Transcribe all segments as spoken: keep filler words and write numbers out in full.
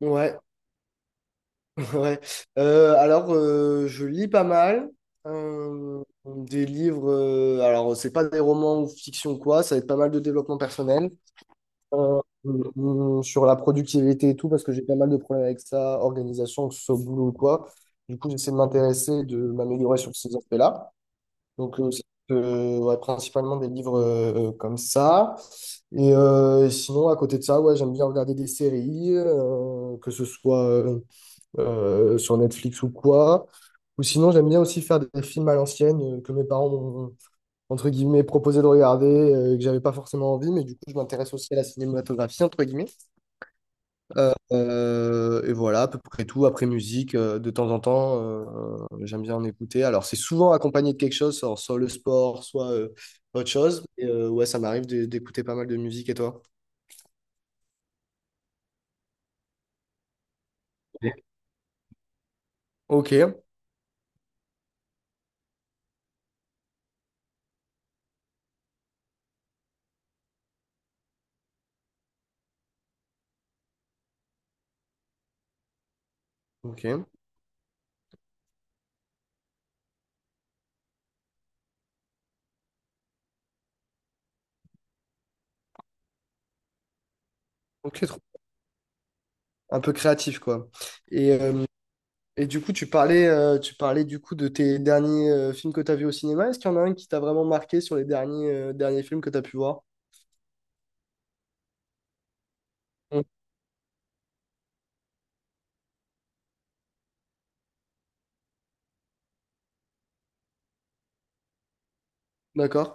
Ouais, ouais. Euh, alors, euh, je lis pas mal euh, des livres. euh, alors, c'est pas des romans ou fiction ou quoi, ça va être pas mal de développement personnel euh, euh, sur la productivité et tout, parce que j'ai pas mal de problèmes avec ça, organisation, que ce soit au boulot ou quoi. Du coup, j'essaie de m'intéresser, de m'améliorer sur ces aspects-là. Donc, euh, c'est, euh, ouais, principalement des livres euh, euh, comme ça. Et euh, sinon, à côté de ça, ouais, j'aime bien regarder des séries, euh, que ce soit euh, euh, sur Netflix ou quoi. Ou sinon, j'aime bien aussi faire des films à l'ancienne euh, que mes parents m'ont, entre guillemets, proposé de regarder, euh, que j'avais pas forcément envie, mais du coup, je m'intéresse aussi à la cinématographie, entre guillemets. Euh, et voilà, à peu près tout. Après musique, euh, de temps en temps, euh, j'aime bien en écouter. Alors, c'est souvent accompagné de quelque chose, soit, soit le sport, soit euh, autre chose. Et, euh, ouais, ça m'arrive de- d'écouter pas mal de musique, et toi? Ok, ok, ok, trop- un peu créatif, quoi. Et, euh, Et du coup, tu parlais, euh, tu parlais du coup de tes derniers euh, films que tu as vus au cinéma. Est-ce qu'il y en a un qui t'a vraiment marqué sur les derniers, euh, derniers films que tu as pu voir? Mm. D'accord.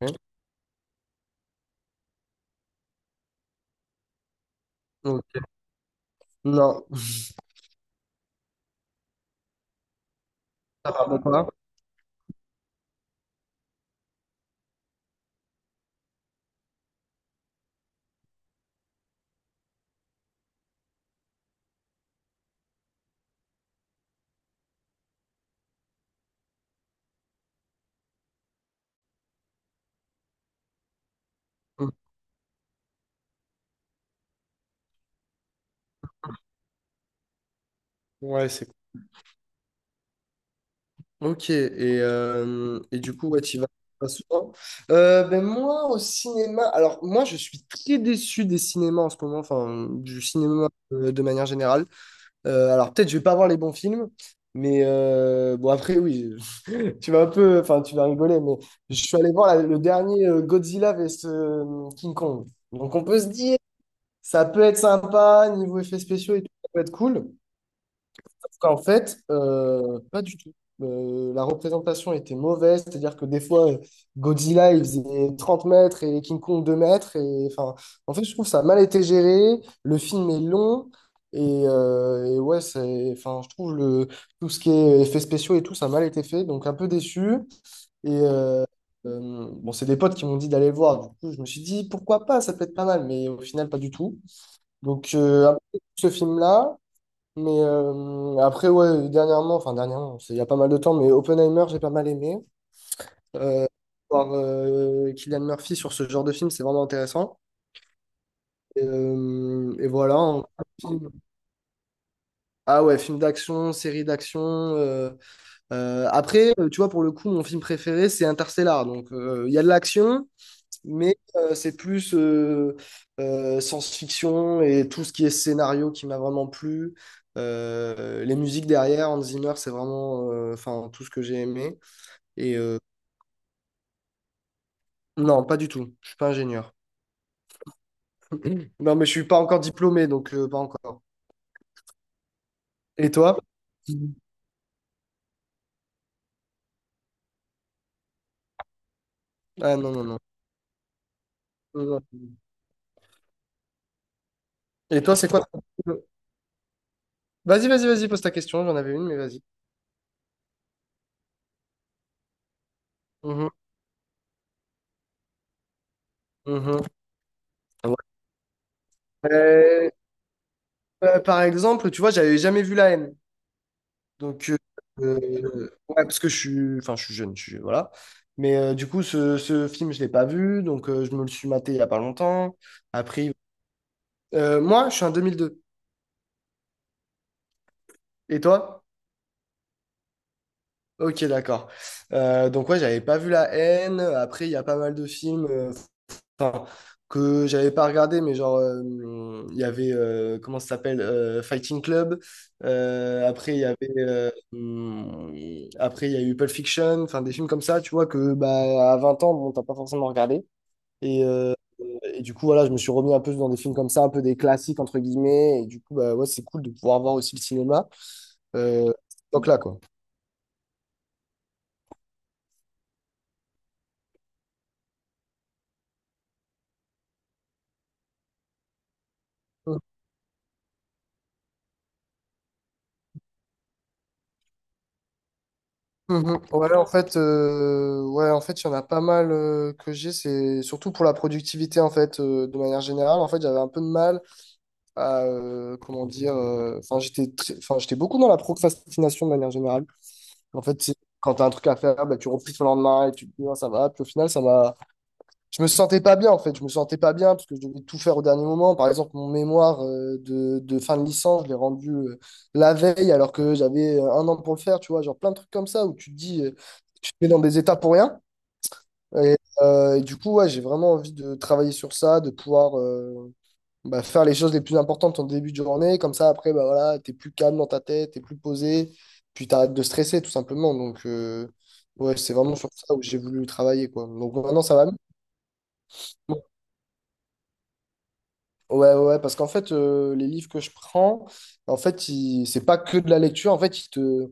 Hein. Ok. Non, ça va pas. Mm. Ouais, c'est. Ok, et, euh, et du coup, ouais, tu vas pas souvent. Euh, ben moi, au cinéma, alors moi, je suis très déçu des cinémas en ce moment, enfin, du cinéma euh, de manière générale. Euh, alors, peut-être, je vais pas voir les bons films, mais euh, bon, après, oui. Tu vas un peu, enfin, tu vas rigoler, mais je suis allé voir la- le dernier euh, Godzilla vs euh, King Kong. Donc, on peut se dire, ça peut être sympa, niveau effets spéciaux et tout, ça peut être cool. Sauf qu'en fait, euh, pas du tout. Euh, la représentation était mauvaise, c'est-à-dire que des fois, euh, Godzilla, il faisait trente mètres et King Kong deux mètres. Et, enfin, en fait, je trouve que ça a mal été géré. Le film est long. Et, euh, et ouais, c'est, enfin, je trouve le, tout ce qui est effets spéciaux et tout, ça a mal été fait. Donc, un peu déçu. Et euh, euh, bon, c'est des potes qui m'ont dit d'aller le voir. Du coup, je me suis dit, pourquoi pas, ça peut être pas mal, mais au final, pas du tout. Donc, euh, un peu ce film-là. Mais euh, après, ouais, dernièrement, enfin, dernièrement, c'est il y a pas mal de temps, mais Oppenheimer, j'ai pas mal aimé. Euh, Voir euh, Cillian Murphy sur ce genre de film, c'est vraiment intéressant. Et, euh, et voilà. en- film- Ah ouais, film d'action, série d'action. euh, euh, Après, euh, tu vois, pour le coup, mon film préféré, c'est Interstellar. Donc, euh, il y a de l'action. Mais euh, c'est plus euh, euh, science-fiction et tout ce qui est scénario qui m'a vraiment plu. Euh, les musiques derrière, Hans Zimmer, c'est vraiment euh, enfin, tout ce que j'ai aimé. Et euh, non, pas du tout. Je suis pas ingénieur. Non, mais je suis pas encore diplômé, donc euh, pas encore. Et toi? Ah non, non, non. Non. Non. Et toi, c'est quoi? ton- Vas-y, vas-y, vas-y, pose ta question. J'en avais une, mais vas-y. Mhm, mhm. Ouais. Euh, euh, Par exemple, tu vois, j'avais jamais vu La Haine. Donc, euh, euh, ouais, parce que je suis, enfin, je suis jeune, je suis, voilà. Mais euh, du coup, ce, ce film, je l'ai pas vu, donc euh, je me le suis maté il y a pas longtemps. Après, euh, moi, je suis en deux mille deux. Et toi? Ok, d'accord. Euh, donc, ouais, j'avais pas vu La Haine. Après, il y a pas mal de films, euh, enfin, que j'avais pas regardé, mais genre, euh, il y avait, euh, comment ça s'appelle, euh, Fighting Club. Euh, après, il y avait, euh, hum, après, il y a eu Pulp Fiction, enfin, des films comme ça, tu vois, que bah, à vingt ans, bon, t'as pas forcément regardé. Et, euh, et du coup, voilà, je me suis remis un peu dans des films comme ça, un peu des classiques, entre guillemets. Et du coup, bah, ouais, c'est cool de pouvoir voir aussi le cinéma. Euh, donc là, quoi. Mhm. Ouais, en fait, euh, ouais, en fait, il y en a pas mal euh, que j'ai. C'est surtout pour la productivité, en fait, euh, de manière générale. En fait, j'avais un peu de mal à, euh, comment dire, euh, enfin, j'étais très- enfin, j'étais beaucoup dans la procrastination de manière générale. En fait, c'est- quand tu as un truc à faire, bah, tu repousses au lendemain et tu te dis, Ah, ça va. Puis au final, ça m'a je me sentais pas bien en fait, je me sentais pas bien parce que je devais tout faire au dernier moment. Par exemple, mon mémoire euh, de, de fin de licence, je l'ai rendu euh, la veille alors que j'avais euh, un an pour le faire, tu vois, genre plein de trucs comme ça où tu te dis, euh, tu te mets dans des états pour rien. Et, euh, et du coup, ouais, j'ai vraiment envie de travailler sur ça, de pouvoir euh, bah, faire les choses les plus importantes en début de journée. Comme ça, après, bah voilà, t'es plus calme dans ta tête, t'es plus posé, puis t'arrêtes de stresser tout simplement. Donc, euh, ouais, c'est vraiment sur ça où j'ai voulu travailler, quoi. Donc maintenant, ça va mieux. Ouais, ouais, ouais, parce qu'en fait, euh, les livres que je prends, en fait, ils- c'est pas que de la lecture. En fait, ils te,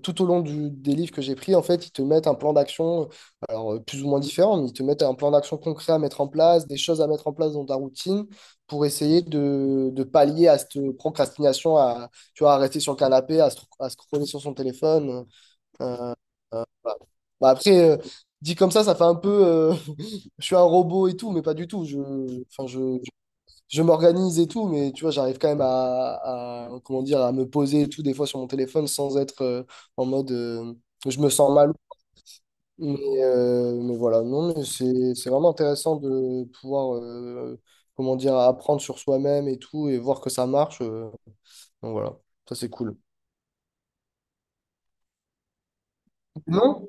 tout au long du- des livres que j'ai pris, en fait, ils te mettent un plan d'action, alors euh, plus ou moins différent, mais ils te mettent un plan d'action concret à mettre en place, des choses à mettre en place dans ta routine pour essayer de, de pallier à cette procrastination, à, tu vois, à rester sur le canapé, à, se- à scroller sur son téléphone. euh, Voilà. Bah, après, euh, dit comme ça, ça fait un peu, euh, je suis un robot et tout, mais pas du tout. Je, enfin, je, je m'organise et tout, mais tu vois, j'arrive quand même à, à- comment dire, à me poser et tout, des fois sur mon téléphone, sans être euh, en mode euh, je me sens mal. Mais, euh, mais voilà, non, mais c'est, c'est vraiment intéressant de pouvoir, euh, comment dire, apprendre sur soi-même et tout, et voir que ça marche. euh. Donc voilà, ça c'est cool. Non?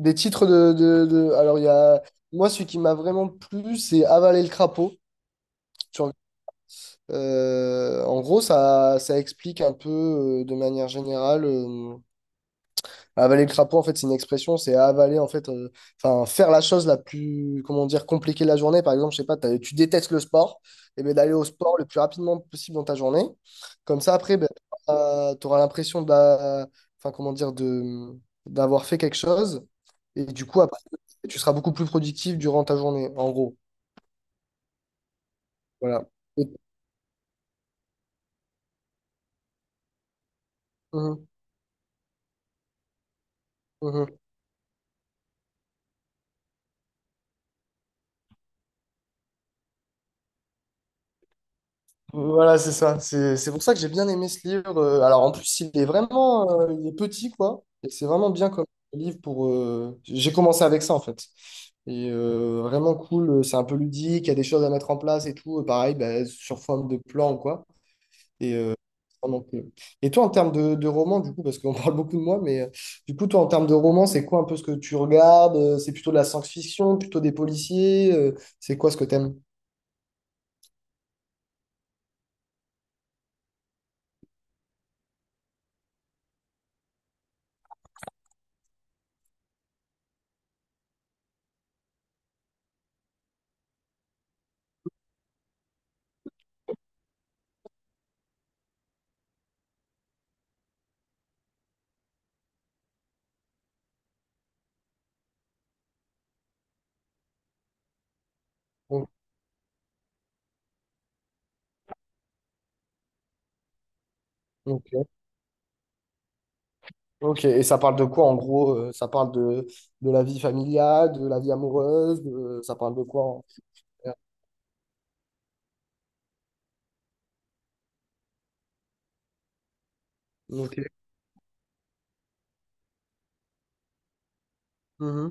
Des titres de, de, de- Alors, il y a. Moi, celui qui m'a vraiment plu, c'est Avaler le crapaud. Tu regardes. Euh, en gros, ça, ça explique un peu, euh, de manière générale. euh, Avaler le crapaud, en fait, c'est une expression, c'est avaler, en fait, euh, enfin, faire la chose la plus, comment dire, compliquée de la journée. Par exemple, je sais pas, t'as- tu détestes le sport, et bien d'aller au sport le plus rapidement possible dans ta journée. Comme ça, après, ben, tu auras l'impression d'a- enfin, comment dire, de, d'avoir fait quelque chose. Et du coup, après, tu seras beaucoup plus productif durant ta journée, en gros. Voilà. Et- Mhm, mhm. Voilà, c'est ça. C'est c'est pour ça que j'ai bien aimé ce livre. Euh, Alors, en plus, il est vraiment euh, il est petit, quoi. Et c'est vraiment bien comme livre pour. Euh, J'ai commencé avec ça, en fait. Et euh, vraiment cool. euh, C'est un peu ludique. Il y a des choses à mettre en place et tout. Euh, Pareil, bah, sur forme de plan, quoi. Et, euh, vraiment cool. Et toi, en termes de, de roman, du coup, parce qu'on parle beaucoup de moi, mais euh, du coup, toi, en termes de roman, c'est quoi un peu ce que tu regardes? Euh, C'est plutôt de la science-fiction, plutôt des policiers? Euh, c'est quoi ce que t'aimes? Aimes Ok, et ça parle de quoi en gros? euh, Ça parle de, de la vie familiale, de la vie amoureuse, de- euh, ça parle de quoi en... Ok. Mhm,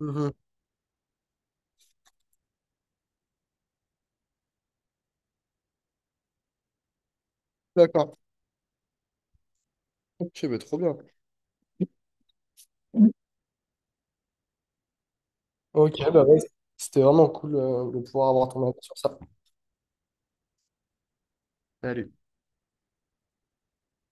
mhm. D'accord. Ok, mais trop bien. Ok, bah ouais, c'était vraiment cool euh, de pouvoir avoir ton avis sur ça. Salut.